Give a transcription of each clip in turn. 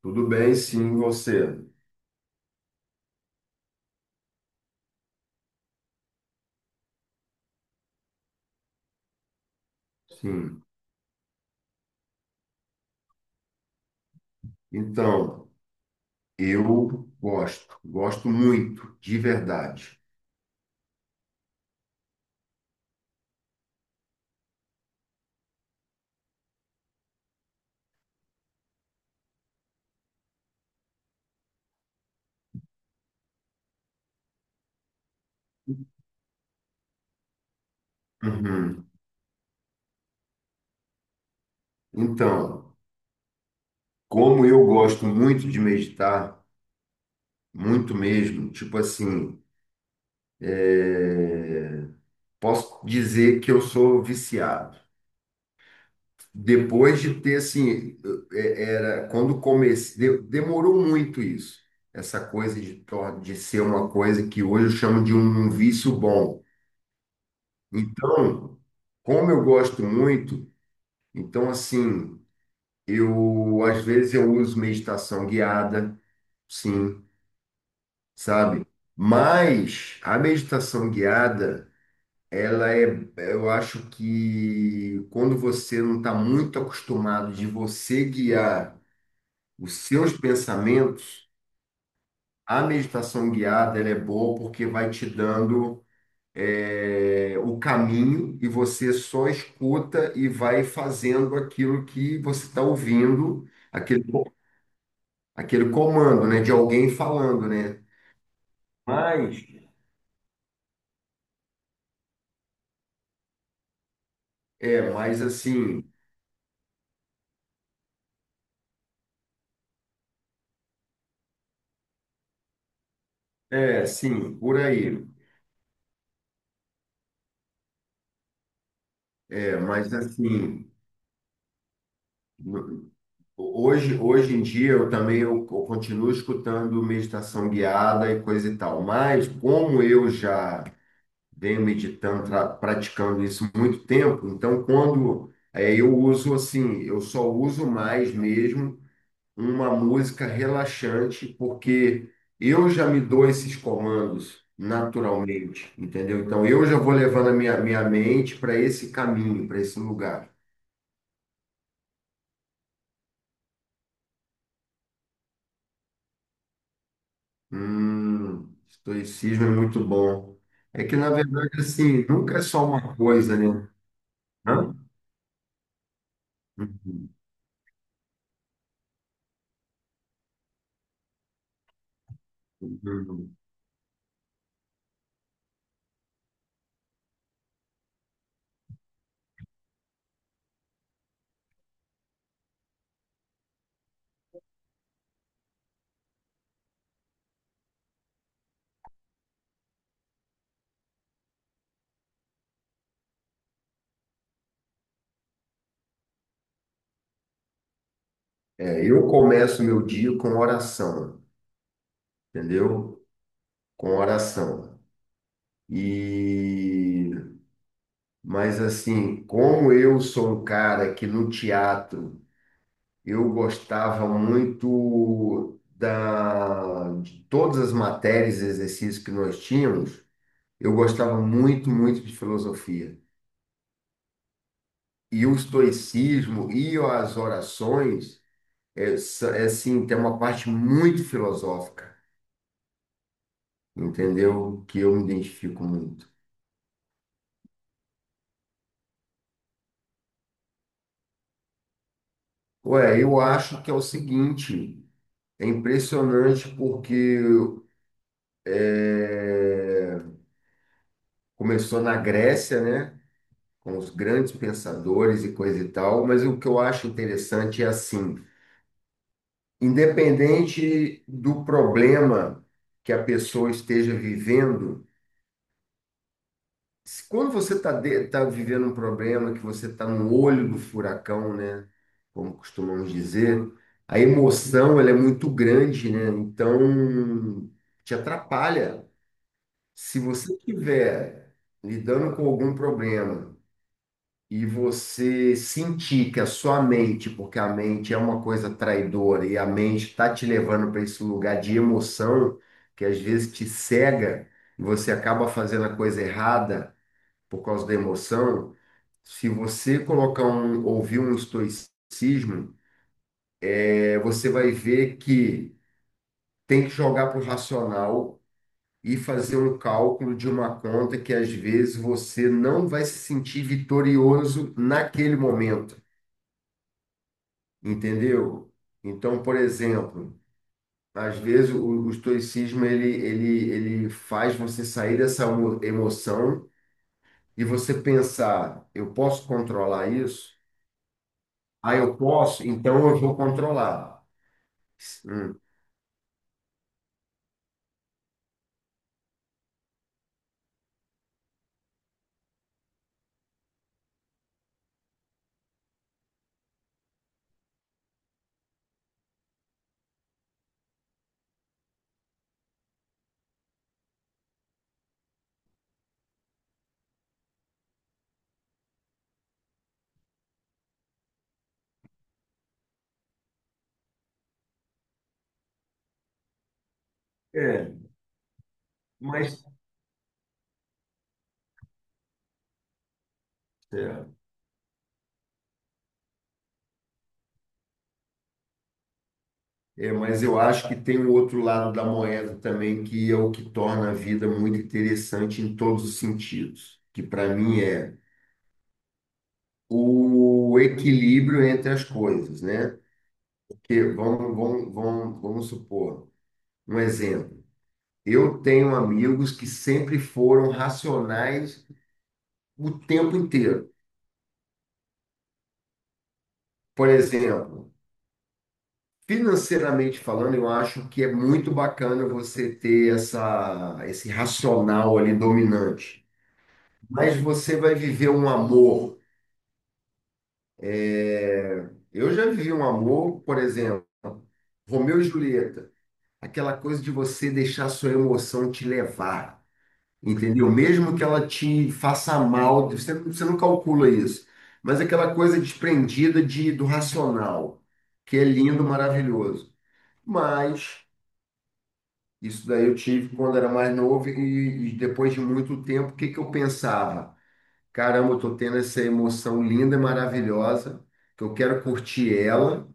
Tudo bem, sim, você. Sim. Então, eu gosto, gosto muito, de verdade. Uhum. Então, como eu gosto muito de meditar, muito mesmo, tipo assim, é, posso dizer que eu sou viciado. Depois de ter, assim, era quando comecei, demorou muito isso, essa coisa de, de ser uma coisa que hoje eu chamo de um vício bom. Então, como eu gosto muito, então assim, eu às vezes eu uso meditação guiada, sim, sabe? Mas a meditação guiada, ela é, eu acho que quando você não está muito acostumado de você guiar os seus pensamentos, a meditação guiada ela é boa porque vai te dando o caminho e você só escuta e vai fazendo aquilo que você está ouvindo, aquele comando, né, de alguém falando, né? Mas, mas assim, é, sim, por aí, é, mas assim, no- hoje, hoje em dia eu também eu continuo escutando meditação guiada e coisa e tal, mas como eu já venho meditando, praticando isso há muito tempo. Então, eu uso assim, eu só uso mais mesmo uma música relaxante, porque eu já me dou esses comandos naturalmente, entendeu? Então, eu já vou levando a minha mente para esse caminho, para esse lugar. Estoicismo é muito bom. É que, na verdade, assim, nunca é só uma coisa, né? Hã? Uhum, uhum. É, eu começo meu dia com oração. Entendeu? Com oração. E mas assim, como eu sou um cara que no teatro eu gostava muito da de todas as matérias e exercícios que nós tínhamos, eu gostava muito, muito de filosofia. E o estoicismo e as orações assim, tem uma parte muito filosófica, entendeu? Que eu me identifico muito. Ué, eu acho que é o seguinte, é impressionante porque é, começou na Grécia, né, com os grandes pensadores e coisa e tal, mas o que eu acho interessante é assim, independente do problema que a pessoa esteja vivendo, quando você está tá vivendo um problema, que você está no olho do furacão, né, como costumamos dizer, a emoção ela é muito grande, né, então te atrapalha. Se você estiver lidando com algum problema e você sentir que a sua mente, porque a mente é uma coisa traidora e a mente está te levando para esse lugar de emoção, que às vezes te cega e você acaba fazendo a coisa errada por causa da emoção, se você colocar um, ouvir um estoicismo, você vai ver que tem que jogar para o racional e fazer um cálculo de uma conta que às vezes você não vai se sentir vitorioso naquele momento, entendeu? Então, por exemplo, às vezes o estoicismo ele faz você sair dessa emoção e você pensar, eu posso controlar isso? Ah, eu posso, então eu vou controlar. Hum. É, mas é. É, mas eu acho que tem o outro lado da moeda também, que é o que torna a vida muito interessante em todos os sentidos, que para mim é o equilíbrio entre as coisas, né? Porque vamos supor, um exemplo. Eu tenho amigos que sempre foram racionais o tempo inteiro. Por exemplo, financeiramente falando, eu acho que é muito bacana você ter esse racional ali dominante. Mas você vai viver um amor. Eu já vivi um amor, por exemplo, Romeu e Julieta, aquela coisa de você deixar a sua emoção te levar, entendeu? Mesmo que ela te faça mal, você não calcula isso, mas aquela coisa desprendida de, do racional, que é lindo, maravilhoso. Mas isso daí eu tive quando era mais novo e depois de muito tempo, o que que eu pensava? Caramba, eu tô tendo essa emoção linda e maravilhosa, que eu quero curtir ela,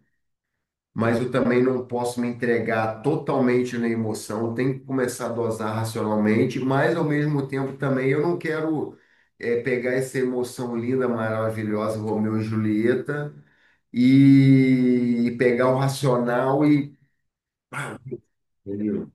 mas eu também não posso me entregar totalmente na emoção, eu tenho que começar a dosar racionalmente, mas ao mesmo tempo também eu não quero pegar essa emoção linda, maravilhosa, Romeu e Julieta, e pegar o racional e. Entendeu?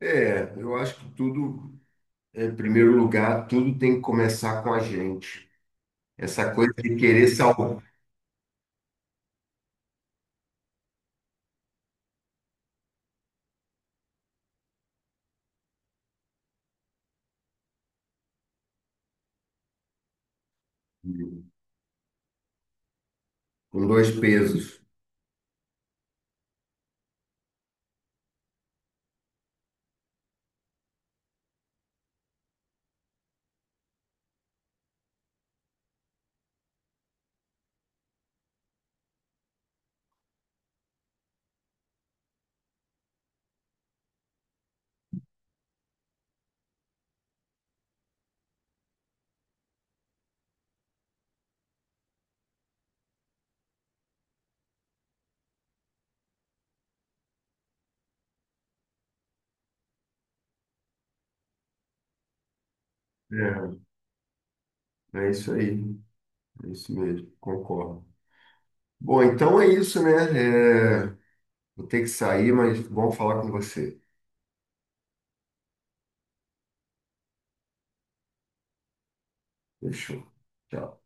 É, eu acho que tudo, é, em primeiro lugar, tudo tem que começar com a gente. Essa coisa de querer salvar. Com dois pesos. É, é isso aí, é isso mesmo, concordo. Bom, então é isso, né? É, vou ter que sair, mas bom falar com você. Fechou. Tchau.